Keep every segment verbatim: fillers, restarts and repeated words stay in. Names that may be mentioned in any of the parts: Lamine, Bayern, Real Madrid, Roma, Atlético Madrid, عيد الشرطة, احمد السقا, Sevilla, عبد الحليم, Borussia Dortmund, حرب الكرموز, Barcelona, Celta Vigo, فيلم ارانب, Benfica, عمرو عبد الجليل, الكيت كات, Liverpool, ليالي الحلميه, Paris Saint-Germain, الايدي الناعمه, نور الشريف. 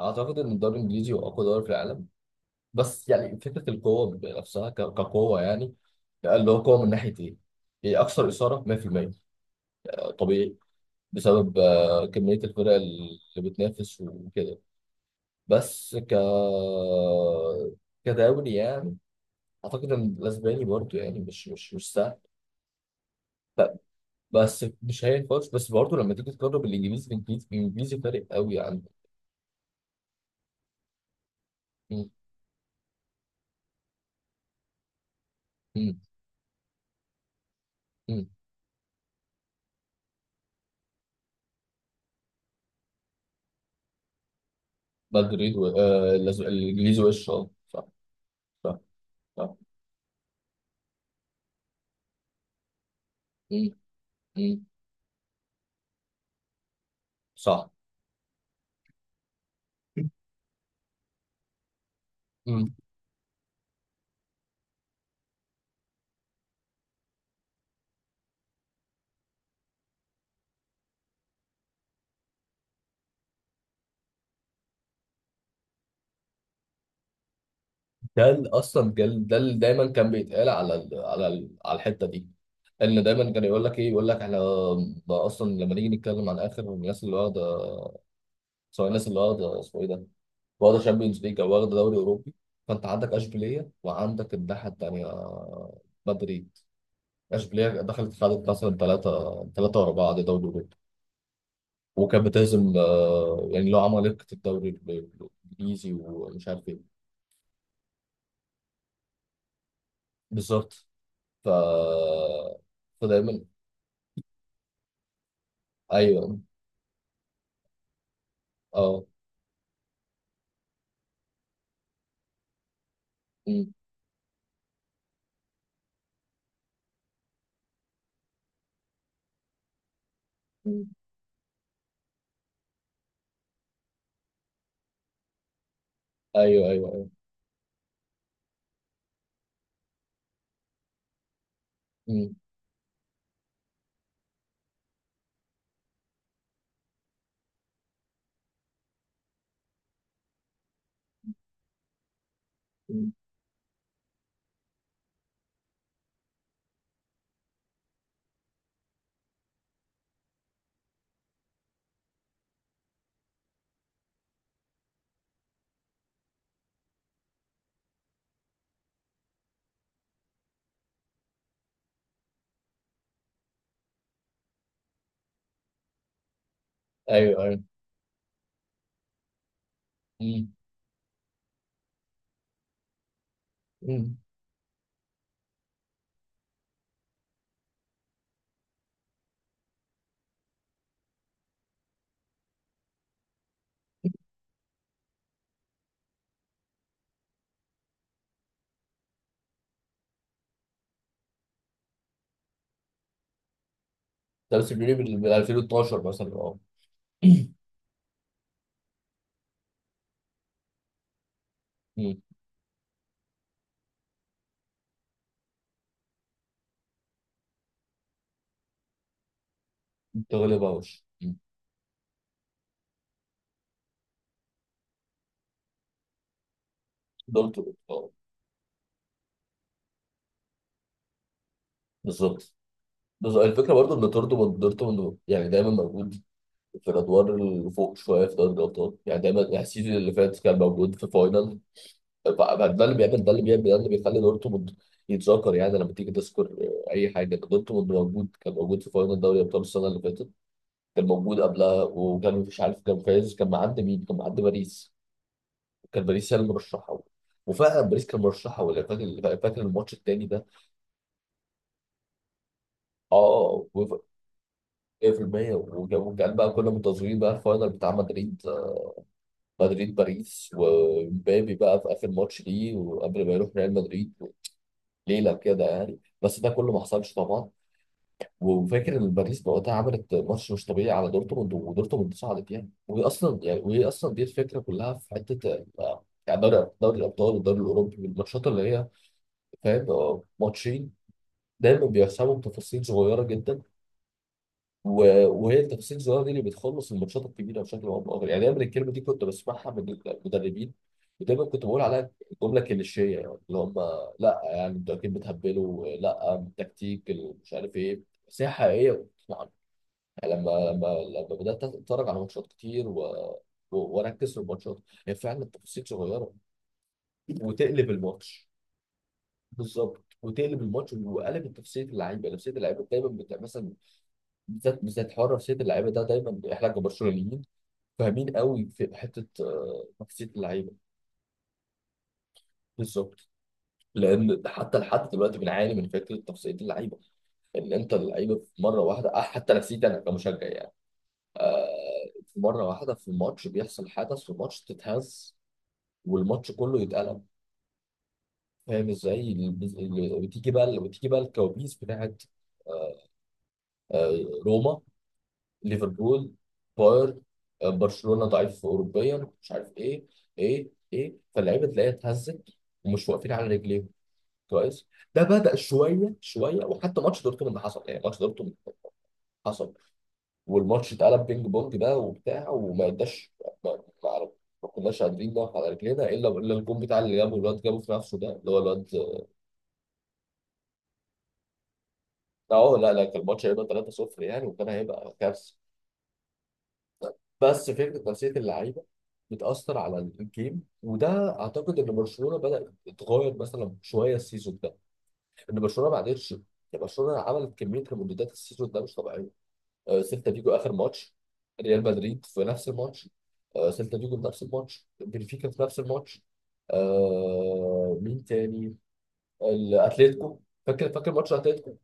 اعتقد ان الدوري الانجليزي هو اقوى دوري في العالم. بس يعني فكره القوه بنفسها ك- كقوه يعني. لا، اللي هو قوه من ناحيه ايه؟ هي اكثر اثاره مية بالمية. طبيعي، بسبب آه، كميه الفرق اللي بتنافس وكده. بس ك كدوري يعني. اعتقد ان الاسباني برضه يعني مش مش مش سهل. بس مش هين خالص، بس برضه لما تيجي تقرب الانجليزي، الانجليزي الانجليزي فارق قوي عن م- م- م. مدريد و... آه، الأز- الانجليزي وش اه صح. صح. صح. مم. مم. صح. مم. ده ال- اصلا كان- ده اللي دايما كان بيتقال على ال على ال على الحته دي. ان دايما كان يقول لك ايه، يقول لك احنا ده اصلا لما نيجي نتكلم عن اخر الناس اللي واخده، سواء الناس اللي واخده اسمه ايه ده، واخده شامبيونز ليج او واخده دوري اوروبي. فانت عندك اشبيليه وعندك الناحيه التانيه. مدريد. اشبيليه دخلت خدت مثلا ثلاثه ثلاثه ورا بعض دوري اوروبي، وكانت بتهزم آه، يعني لو عمالقه الدوري الانجليزي ومش عارف ايه. بالظبط. ف. فدايما. ايوه. اه. مم. مم. ايوه ايوه ايوه. مم. مم. ايوه ايوه. مم. مم. ده بس بيقولي بال بال ألفين واتناشر مثلا اه. مم. تغلب اوش. مم. دورتموند. اه. بالظبط. بس الفكره برضه ان دورتموند دورتموند يعني دايما موجود في الادوار اللي فوق شويه في دوري الابطال، يعني دايما، يعني السيزون اللي فات كان موجود في فاينل. ف- ده اللي بيعمل ده اللي بيعمل ده اللي بيخلي دورتموند يتذكر. يعني لما تيجي تذكر اي حاجه، دورتموند موجود، كان موجود في فاينل دوري ابطال السنه اللي فاتت، كان موجود قبلها وكان مش عارف، كان فايز كان معدي مين، كان معدي باريس. كان باريس هي المرشحه. وفعلا باريس كان مرشحه، ولا فاكر؟ فاكر الماتش التاني ده. اه وف- مية بالمية. وكان وكان بقى كنا منتظرين بقى الفاينل بتاع مدريد، مدريد باريس ومبابي بقى في اخر ماتش ليه، وقبل ما يروح ريال مدريد ليله كده يعني. بس ده كله ما حصلش طبعا. وفاكر ان باريس وقتها عملت ماتش مش طبيعي على دورتموند، ودورتموند صعدت يعني. وهي اصلا يعني، وهي اصلا دي الفكره كلها في حته آه، يعني دوري، دوري الابطال والدوري الاوروبي، الماتشات اللي هي فاهم آه، ماتشين، دايما بيحسبوا بتفاصيل صغيره جدا. و- وهي التفاصيل الصغيره دي اللي بتخلص الماتشات الكبيره بشكل او باخر يعني. دايما الكلمه دي كنت بسمعها من المدربين ودايما كنت بقول عليها جمله كليشيه يعني، اللي هم لا يعني انتوا اكيد بتهبلوا، لا التكتيك مش عارف ايه. بس هي حقيقيه. لما لما لما بدات اتفرج على ماتشات كتير و... و... واركز في الماتشات، هي فعلا التفاصيل صغيره. وتقلب الماتش. بالظبط، وتقلب الماتش، وقلبت نفسيه اللعيبه، نفسيه اللعيبه دايما بتاع مثلا بالذات. بالذات حوار نفسيه اللعيبه ده دايما احنا كبرشلونيين فاهمين قوي في حته آه، نفسيه اللعيبه. بالظبط. لان حتى لحد دلوقتي بنعاني من فكره نفسيه اللعيبه، ان انت اللعيبه في مره واحده آه، حتى نفسيتي انا كمشجع يعني، آه، في مره واحده في الماتش بيحصل حدث في الماتش تتهز، والماتش كله يتقلب. فاهم ازاي؟ البز- ال- بتيجي بقى، بتيجي بقى الكوابيس بتاعت آه، روما، ليفربول، باير، آه، برشلونة ضعيف اوروبيا مش عارف ايه. ايه ايه. فاللعيبه تلاقيها اتهزت، ومش واقفين على رجليهم كويس. ده بدأ شويه شويه، وحتى ماتش دورتموند حصل، يعني ماتش دورتموند حصل والماتش اتقلب بينج بونج بقى وبتاع، وما قداش، ما ما- ما كناش قادرين نقف على رجلينا الا الا الجون بتاع اللي جابه الواد، جابه في نفسه، ده اللي هو الواد. اه، لا لا، كان الماتش هيبقى ثلاثه صفر يعني، وكان هيبقى كارثه. بس فكره نفسيه اللعيبه بتاثر على الجيم، وده اعتقد ان برشلونه بدا يتغير مثلا شويه السيزون ده، ان برشلونه ما قدرش يعني. برشلونه عملت كميه ريمونتادات السيزون ده مش طبيعيه. آه، سيلتا فيجو اخر ماتش، ريال مدريد في نفس الماتش، آه، سيلتا فيجو في نفس الماتش، بنفيكا في نفس الماتش، آه، مين تاني، الاتليتيكو. فاكر فاكر ماتش اتلتيكو،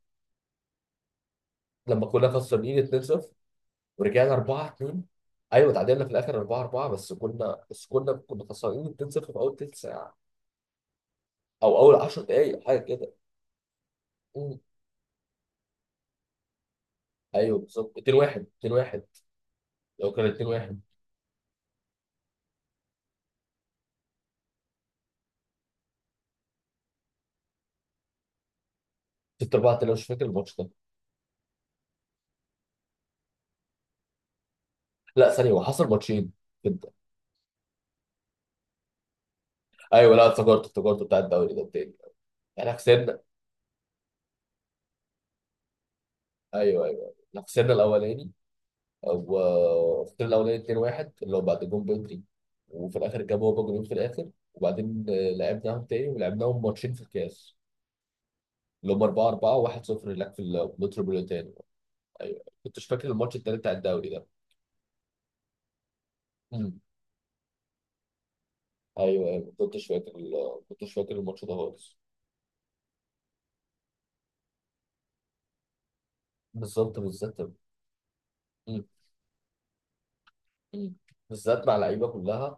لما كنا خسرانين اتنين صفر ورجعنا اربعه اتنين. ايوه، تعادلنا في الاخر اربعه اربعه. بس كنا، بس كنا كنا خسرانين اتنين صفر في اول تلت ساعه او اول 10 دقائق، حاجه كده. مم. ايوه بالظبط اتنين واحد، 2 1 لو كان اتنين واحد سته اربعه اتنين. مش فاكر الماتش ده. لا ثانيه، هو حصل ماتشين كده. ايوه لا، افتكرت، افتكرت بتاع الدوري ده التاني. احنا خسرنا. ايوه ايوه، احنا خسرنا الاولاني. و- خسرنا الاولاني اتنين واحد اللي هو بعد جون بدري، وفي الاخر جابوا هو جولين في الاخر. وبعدين آه، لعبناهم تاني ولعبناهم ماتشين في الكاس، اللي هم اربعه اربعه واحد صفر هناك في المتروبوليتان. ايوه كنتش فاكر الماتش التاني بتاع الدوري ده. مم. ايوه ايوه، ما كنتش فاكر ال- ما كنتش فاكر الماتش ده خالص. بالظبط بالذات. مم. مم. بالذات مع لعيبه كلها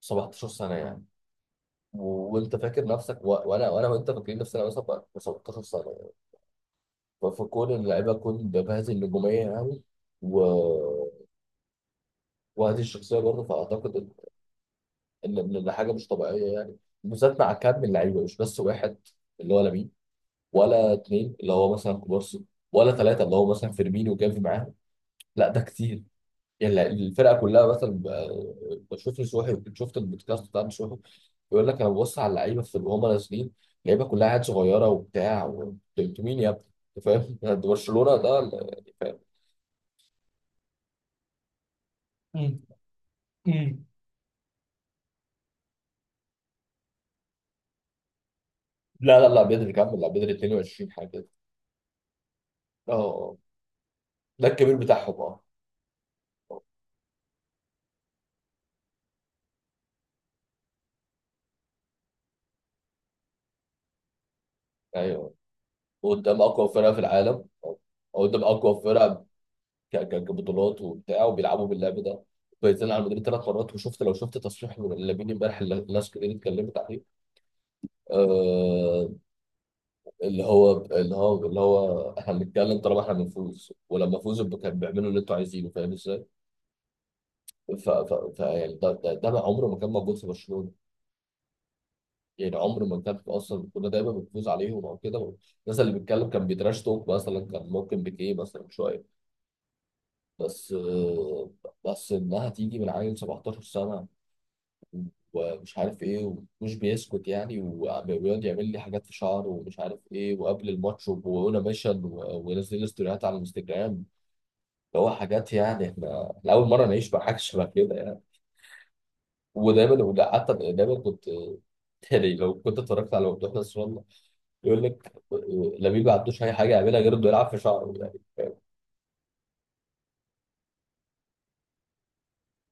17 سنه يعني. و- وانت فاكر نفسك و... وانا وانا وانت فاكرين نفسنا مثلا بقى 17 سنه يعني. فكون ان اللعيبه تكون بهذه النجوميه يعني و... وهذه الشخصيه برضه. فاعتقد ان، ان إن حاجه مش طبيعيه يعني. بالذات مع كم من لعيبه، مش بس واحد اللي هو لامين، ولا اتنين اللي هو مثلا كوبارسي، ولا ثلاثه اللي هو مثلا فيرمينو وجافي معاهم. لا ده كتير يعني. لا، الفرقه كلها. مثلا ب- بشوف نصوحي، شفت البودكاست بتاع نصوحي؟ يقول لك انا ببص على اللعيبه في وهم نازلين، اللعيبه كلها عيال صغيره وبتاع، و- انتوا مين يا ابني؟ أنت فاهم؟ ده برشلونه، ده ال- يعني، فاهم؟ مم. مم. لا لا لا بدري كمل، لا بدري اتنين وعشرين حاجه كده. اه. آه. ده الكبير بتاعهم اه. آه. ايوه، قدام اقوى فرقه في العالم، او قدام اقوى فرقه ك- ك- كبطولات وبتاع، وبيلعبوا باللعب ده، فايزين على المدريد ثلاث مرات. وشفت، لو شفت تصريح من لامين امبارح اللي الناس كتير اتكلمت عليه، آه، اللي هو اللي هو اللي هو احنا بنتكلم طالما احنا بنفوز، ولما فوزوا ب- كانوا بيعملوا اللي انتوا عايزينه. فاهم ازاي؟ ف ف ف يعني ده، ده, ده ما عمره ما كان موجود في برشلونه. يعني عمره ما كان، اصلا كنا دايما بنفوز عليهم او كده. الناس اللي بيتكلم كان بيتراش توك مثلا، كان ممكن بيكيه مثلا شويه. بس آه، بس انها تيجي من عيل 17 سنه، ومش عارف ايه، ومش بيسكت يعني، وعم- ويقعد يعمل لي حاجات في شعره ومش عارف ايه، وقبل الماتش وهنا ميشن، وينزل لي ستوريات على الانستجرام، اللي هو حاجات يعني. احنا احنا اول مره نعيش مع حاجه شبه كده يعني. ودايما، ولا حتى دايما كنت، يعني لو كنت اتفرجت على ممدوح نصر الله يقول لك لامين ما عندوش اي حاجه يعملها غير انه يلعب في شعره.